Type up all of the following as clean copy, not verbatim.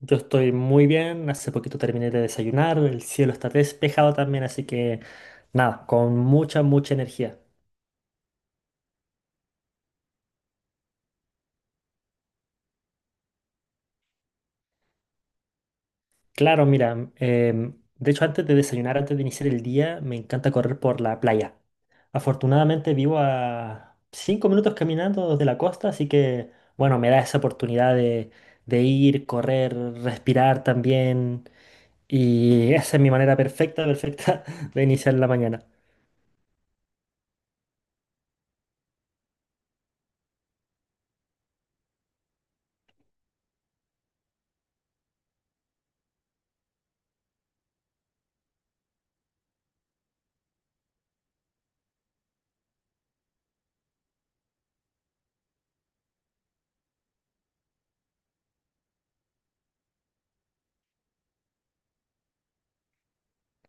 Yo estoy muy bien, hace poquito terminé de desayunar, el cielo está despejado también, así que nada, con mucha, mucha energía. Claro, mira, de hecho antes de desayunar, antes de iniciar el día, me encanta correr por la playa. Afortunadamente vivo a 5 minutos caminando desde la costa, así que bueno, me da esa oportunidad de ir, correr, respirar también, y esa es mi manera perfecta, perfecta de iniciar la mañana.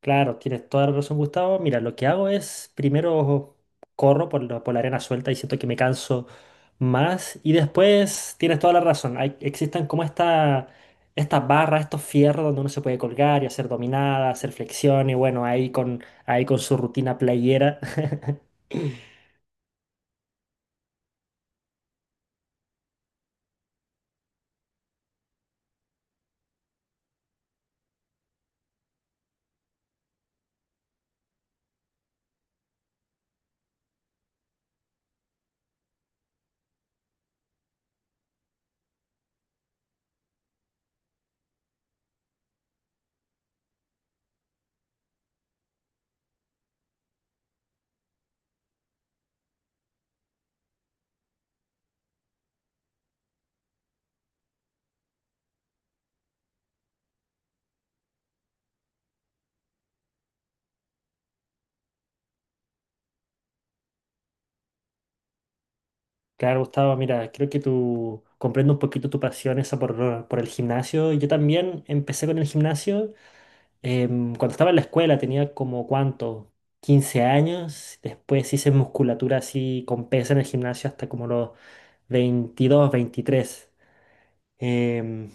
Claro, tienes toda la razón, Gustavo. Mira, lo que hago es primero corro por la arena suelta y siento que me canso más. Y después tienes toda la razón. Hay, existen como estas barras, estos fierros donde uno se puede colgar y hacer dominadas, hacer flexiones. Y bueno, ahí con su rutina playera. Claro, Gustavo, mira, creo que tú comprendo un poquito tu pasión esa por el gimnasio. Yo también empecé con el gimnasio. Cuando estaba en la escuela tenía como cuánto, 15 años, después hice musculatura así con pesa en el gimnasio hasta como los 22 23, em,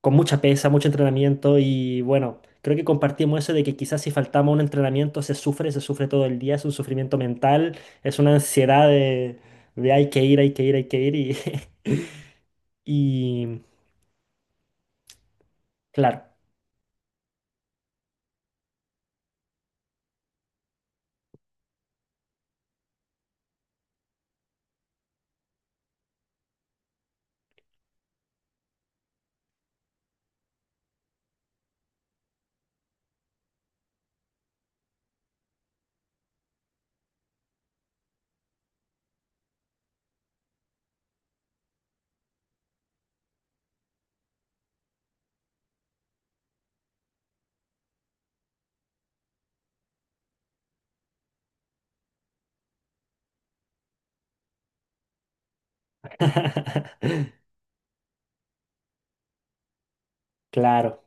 con mucha pesa, mucho entrenamiento y bueno, creo que compartimos eso de que quizás si faltamos un entrenamiento se sufre todo el día, es un sufrimiento mental, es una ansiedad de hay que ir, hay que ir, hay que ir y, y claro, claro.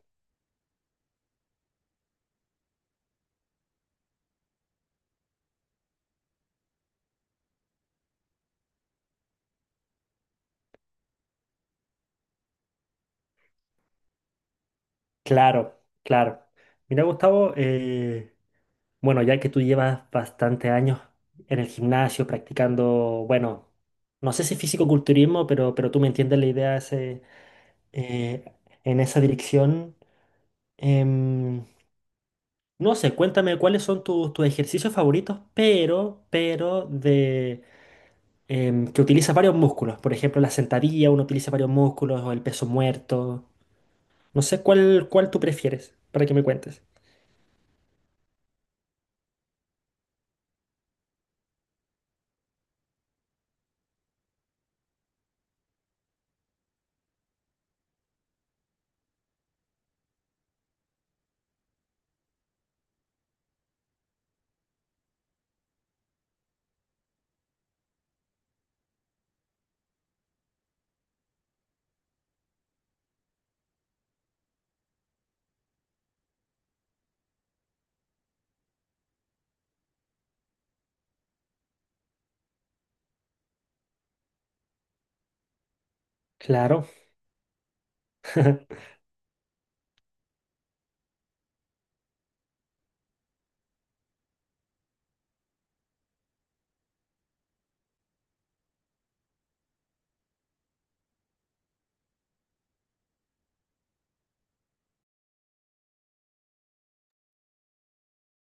Claro, claro. Mira, Gustavo, bueno, ya que tú llevas bastante años en el gimnasio practicando, bueno, no sé si físico-culturismo, pero tú me entiendes la idea ese, eh, en esa dirección. Em, no sé, cuéntame cuáles son tus ejercicios favoritos, pero de que utilizas varios músculos. Por ejemplo, la sentadilla, uno utiliza varios músculos, o el peso muerto. No sé cuál tú prefieres para que me cuentes. Claro.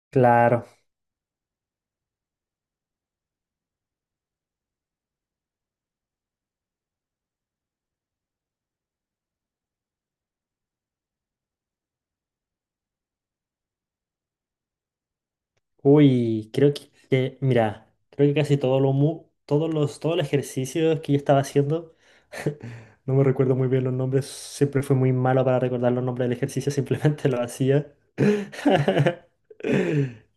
Claro. Uy, creo mira, creo que casi todo todos los ejercicios que yo estaba haciendo, no me recuerdo muy bien los nombres, siempre fui muy malo para recordar los nombres del ejercicio, simplemente lo hacía.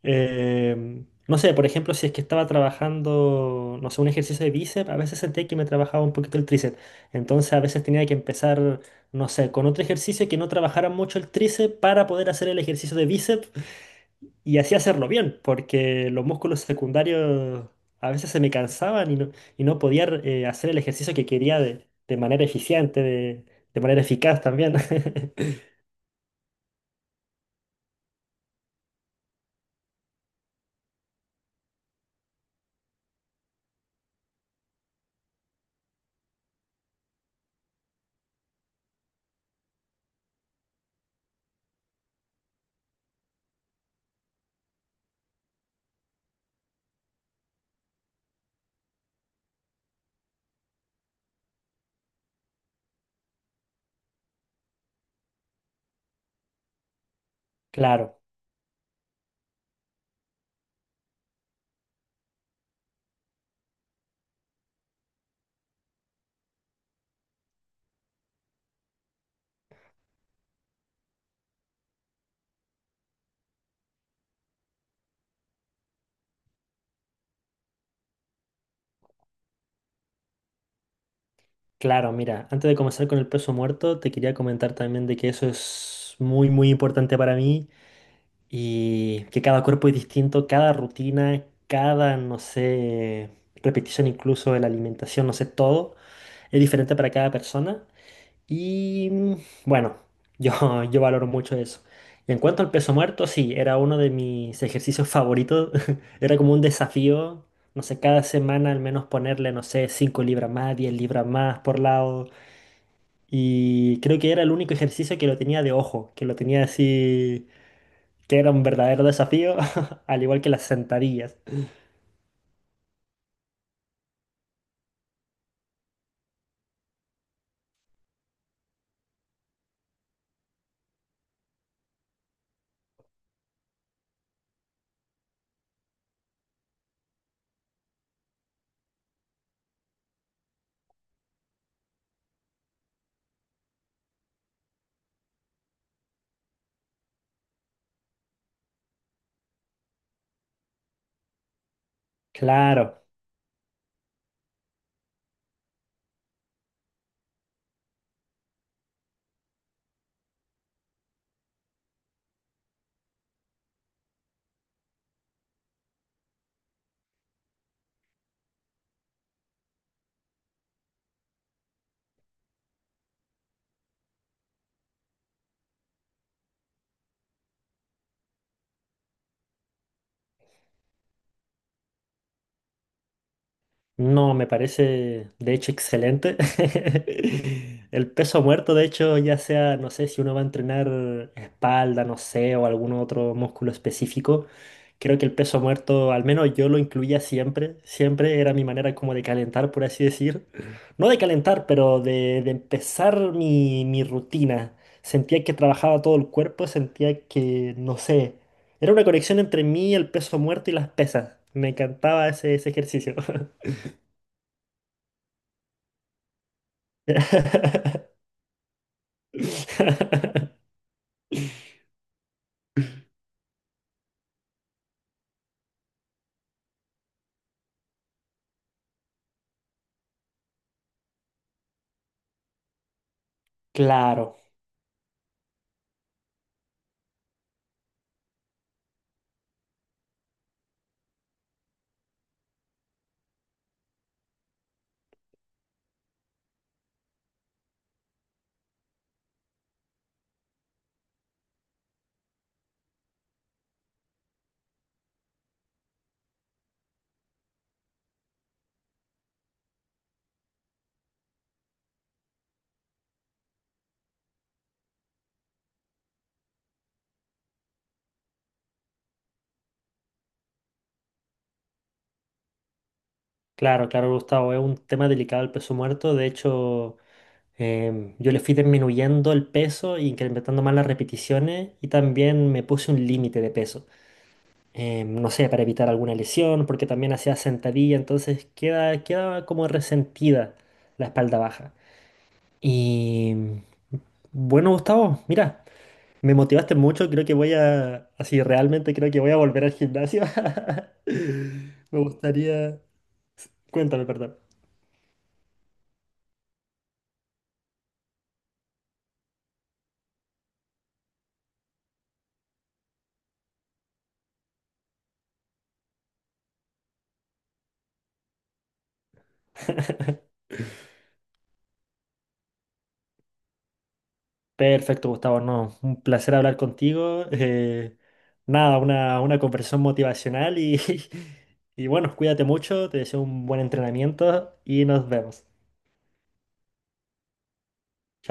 No sé, por ejemplo, si es que estaba trabajando, no sé, un ejercicio de bíceps, a veces sentía que me trabajaba un poquito el tríceps. Entonces a veces tenía que empezar, no sé, con otro ejercicio que no trabajara mucho el tríceps para poder hacer el ejercicio de bíceps. Y así hacerlo bien, porque los músculos secundarios a veces se me cansaban y no podía hacer el ejercicio que quería de, manera eficiente, de manera eficaz también. Claro, claro, mira, antes de comenzar con el peso muerto, te quería comentar también de que eso es muy, muy importante para mí y que cada cuerpo es distinto, cada rutina, cada, no sé, repetición incluso de la alimentación, no sé, todo es diferente para cada persona. Y bueno, yo, yo valoro mucho eso. Y en cuanto al peso muerto, sí, era uno de mis ejercicios favoritos. Era como un desafío, no sé, cada semana al menos ponerle, no sé, 5 libras más, 10 libras más por lado. Y creo que era el único ejercicio que lo tenía de ojo, que lo tenía así, que era un verdadero desafío, al igual que las sentadillas. Claro. No, me parece de hecho excelente. El peso muerto, de hecho, ya sea, no sé, si uno va a entrenar espalda, no sé, o algún otro músculo específico, creo que el peso muerto, al menos yo lo incluía siempre, siempre era mi manera como de calentar, por así decir. No de calentar, pero de empezar mi rutina. Sentía que trabajaba todo el cuerpo, sentía que, no sé, era una conexión entre mí, el peso muerto y las pesas. Me encantaba ese ejercicio. Claro, claro, claro, Gustavo. Es un tema delicado el peso muerto. De hecho, yo le fui disminuyendo el peso, y incrementando más las repeticiones y también me puse un límite de peso. No sé, para evitar alguna lesión, porque también hacía sentadilla, entonces queda como resentida la espalda baja. Y bueno, Gustavo, mira. Me motivaste mucho, creo que voy a, así realmente creo que voy a volver al gimnasio. Me gustaría... Cuéntame, perdón. Perfecto, Gustavo, no, un placer hablar contigo. Nada, una conversación motivacional y, y bueno, cuídate mucho, te deseo un buen entrenamiento y nos vemos. Chao.